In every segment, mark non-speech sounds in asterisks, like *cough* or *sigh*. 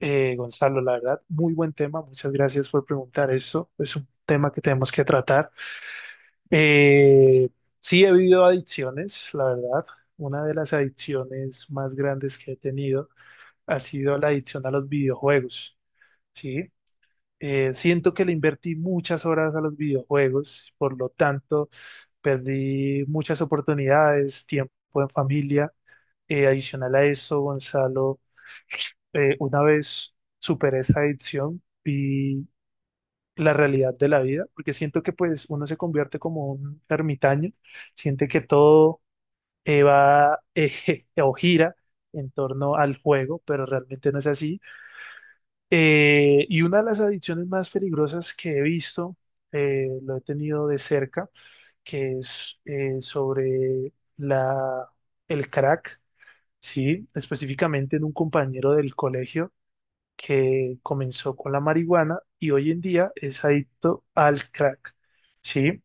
Gonzalo, la verdad, muy buen tema. Muchas gracias por preguntar eso. Es un tema que tenemos que tratar. Eh, sí, he vivido adicciones, la verdad. Una de las adicciones más grandes que he tenido ha sido la adicción a los videojuegos, ¿sí? Siento que le invertí muchas horas a los videojuegos. Por lo tanto, perdí muchas oportunidades, tiempo en familia. Adicional a eso, Gonzalo, una vez superé esa adicción, vi la realidad de la vida, porque siento que pues uno se convierte como un ermitaño, siente que todo va *laughs* o gira en torno al juego, pero realmente no es así. Y una de las adicciones más peligrosas que he visto, lo he tenido de cerca, que es sobre la, el crack, ¿sí? Específicamente en un compañero del colegio que comenzó con la marihuana y hoy en día es adicto al crack, ¿sí?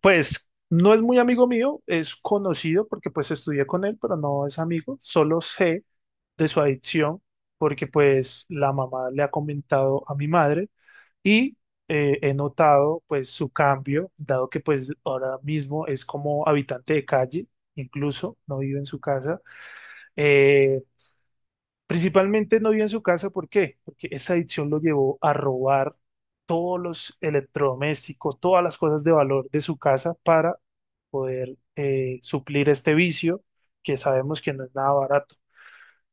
Pues no es muy amigo mío, es conocido porque pues estudié con él, pero no es amigo, solo sé de su adicción porque pues la mamá le ha comentado a mi madre y he notado pues su cambio, dado que pues ahora mismo es como habitante de calle, incluso no vive en su casa. Eh, Principalmente no vio en su casa, ¿por qué? Porque esa adicción lo llevó a robar todos los electrodomésticos, todas las cosas de valor de su casa para poder suplir este vicio, que sabemos que no es nada barato.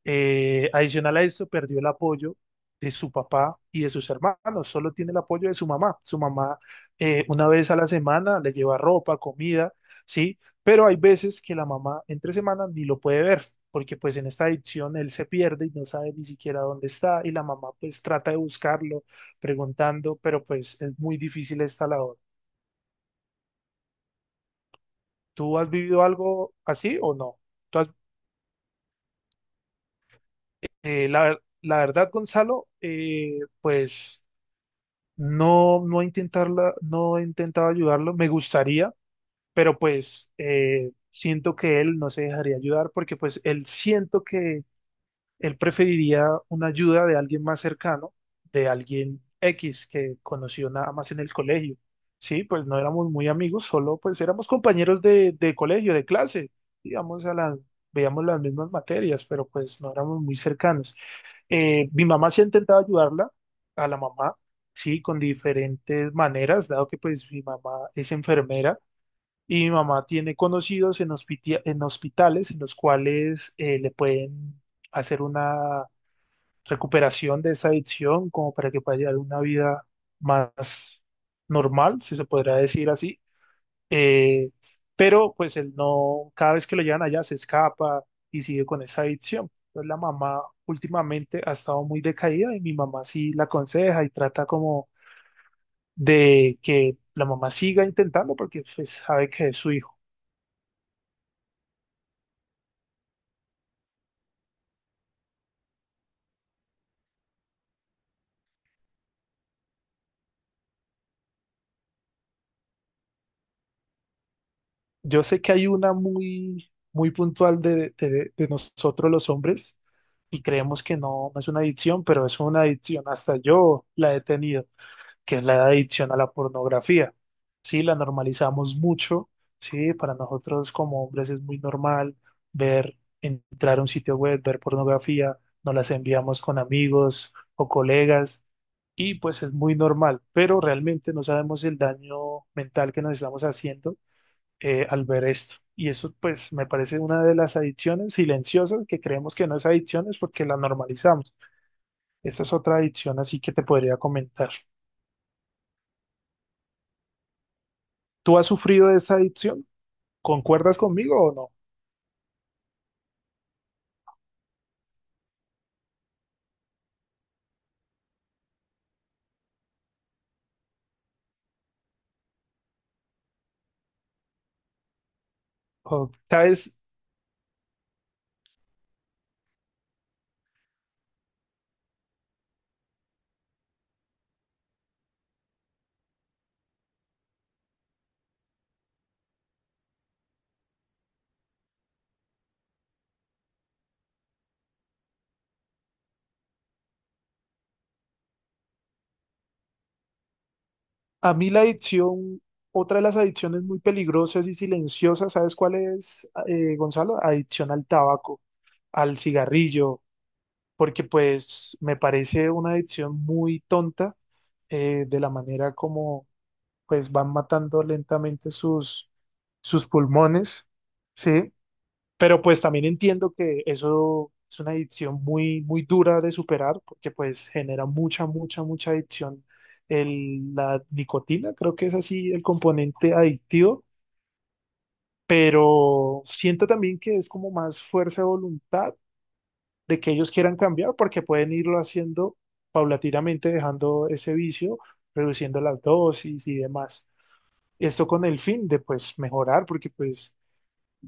Adicional a eso, perdió el apoyo de su papá y de sus hermanos, solo tiene el apoyo de su mamá. Su mamá, una vez a la semana le lleva ropa, comida, ¿sí? Pero hay veces que la mamá entre semanas ni lo puede ver, porque pues en esta adicción él se pierde y no sabe ni siquiera dónde está, y la mamá pues trata de buscarlo preguntando, pero pues es muy difícil esta labor. ¿Tú has vivido algo así o no? ¿Tú has- eh, la, la verdad, Gonzalo, pues... No, no intentarla, no he intentado ayudarlo, me gustaría, pero pues siento que él no se dejaría ayudar, porque pues él siento que él preferiría una ayuda de alguien más cercano, de alguien X que conoció nada más en el colegio. Sí, pues no éramos muy amigos, solo pues éramos compañeros de colegio, de clase, digamos, veíamos las mismas materias, pero pues no éramos muy cercanos. Mi mamá sí ha intentado ayudarla, a la mamá, sí, con diferentes maneras, dado que pues mi mamá es enfermera y mi mamá tiene conocidos en, en hospitales en los cuales le pueden hacer una recuperación de esa adicción como para que pueda llevar una vida más normal, si se podrá decir así. Eh, pero pues él no, cada vez que lo llevan allá se escapa y sigue con esa adicción. Entonces la mamá últimamente ha estado muy decaída y mi mamá sí la aconseja y trata como de que la mamá siga intentando, porque pues sabe que es su hijo. Yo sé que hay una muy, muy puntual de nosotros los hombres, y creemos que no, no es una adicción, pero es una adicción. Hasta yo la he tenido. Que es la adicción a la pornografía. Sí, la normalizamos mucho, sí, para nosotros como hombres es muy normal ver, entrar a un sitio web, ver pornografía, nos las enviamos con amigos o colegas y pues es muy normal, pero realmente no sabemos el daño mental que nos estamos haciendo al ver esto. Y eso pues me parece una de las adicciones silenciosas que creemos que no es adicciones porque la normalizamos. Esta es otra adicción así que te podría comentar. ¿Tú has sufrido de esta adicción? ¿Concuerdas conmigo o no? ¿Sabes? A mí la adicción, otra de las adicciones muy peligrosas y silenciosas, ¿sabes cuál es, Gonzalo? Adicción al tabaco, al cigarrillo, porque pues me parece una adicción muy tonta, de la manera como pues van matando lentamente sus, sus pulmones, ¿sí? Pero pues también entiendo que eso es una adicción muy, muy dura de superar, porque pues genera mucha, mucha, mucha adicción. El, la nicotina, creo que es así el componente adictivo, pero siento también que es como más fuerza de voluntad de que ellos quieran cambiar, porque pueden irlo haciendo paulatinamente, dejando ese vicio, reduciendo las dosis y demás. Esto con el fin de pues mejorar, porque pues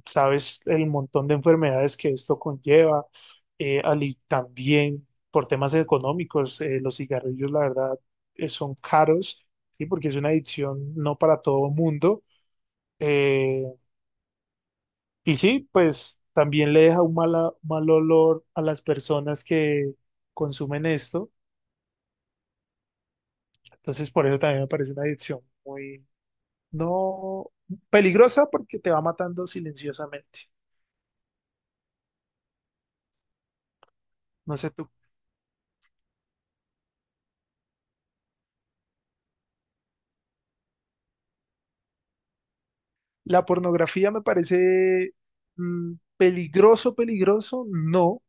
sabes el montón de enfermedades que esto conlleva, también por temas económicos, los cigarrillos, la verdad, son caros, ¿sí? Porque es una adicción no para todo mundo. eh, y sí, pues también le deja mal olor a las personas que consumen esto. Entonces, por eso también me parece una adicción muy, no peligrosa, porque te va matando silenciosamente. No sé tú. La pornografía me parece mm, peligroso, peligroso, no,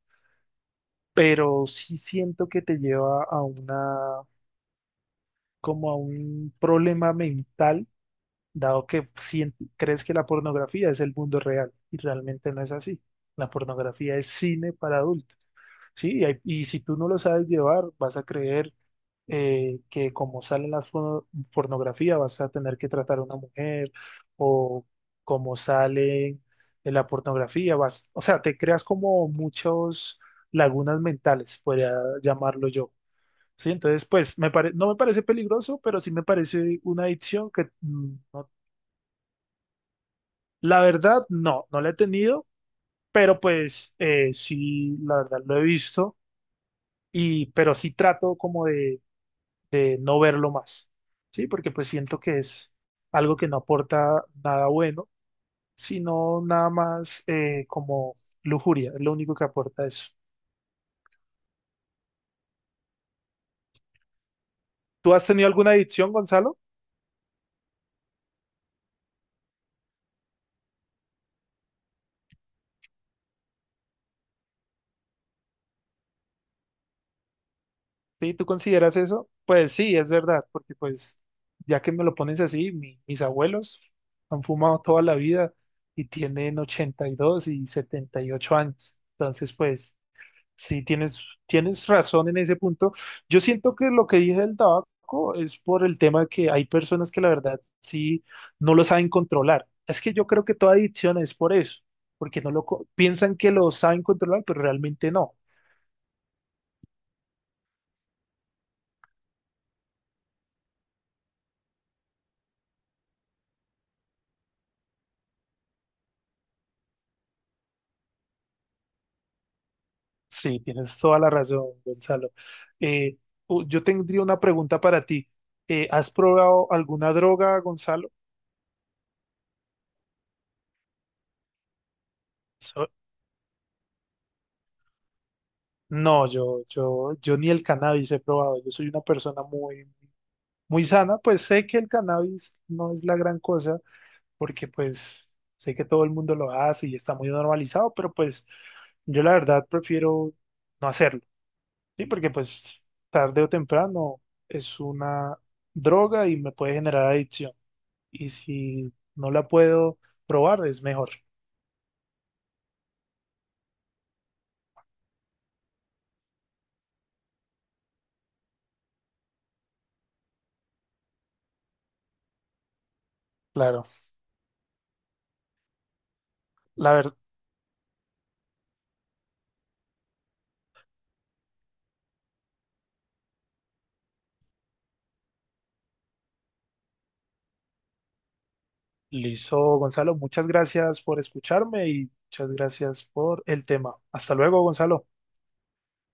pero sí siento que te lleva a una, como a un problema mental, dado que crees que la pornografía es el mundo real y realmente no es así. La pornografía es cine para adultos. Sí, y, y si tú no lo sabes llevar, vas a creer que como sale en la pornografía, vas a tener que tratar a una mujer, o como sale en la pornografía, vas, o sea, te creas como muchos lagunas mentales, podría llamarlo yo. Sí, entonces, pues, no me parece peligroso, pero sí me parece una adicción que, mm, no... La verdad, no, no la he tenido, pero pues sí, la verdad lo he visto, y pero sí trato como de no verlo más, ¿sí? Porque pues siento que es algo que no aporta nada bueno, sino nada más como lujuria, es lo único que aporta eso. ¿Tú has tenido alguna adicción, Gonzalo? ¿Sí? ¿Tú consideras eso? Pues sí, es verdad, porque pues ya que me lo pones así, mis abuelos han fumado toda la vida y tienen 82 y 78 años, entonces pues... Sí, tienes, tienes razón en ese punto. Yo siento que lo que dije del tabaco es por el tema de que hay personas que la verdad sí no lo saben controlar. Es que yo creo que toda adicción es por eso, porque no lo piensan que lo saben controlar, pero realmente no. Sí, tienes toda la razón, Gonzalo. Eh, yo tendría una pregunta para ti. ¿Has probado alguna droga, Gonzalo? So- no, yo ni el cannabis he probado. Yo soy una persona muy muy sana, pues sé que el cannabis no es la gran cosa, porque pues sé que todo el mundo lo hace y está muy normalizado, pero pues yo la verdad prefiero no hacerlo, ¿sí? Porque pues tarde o temprano es una droga y me puede generar adicción. Y si no la puedo probar, es mejor. Claro. La verdad, listo, Gonzalo, muchas gracias por escucharme y muchas gracias por el tema. Hasta luego, Gonzalo.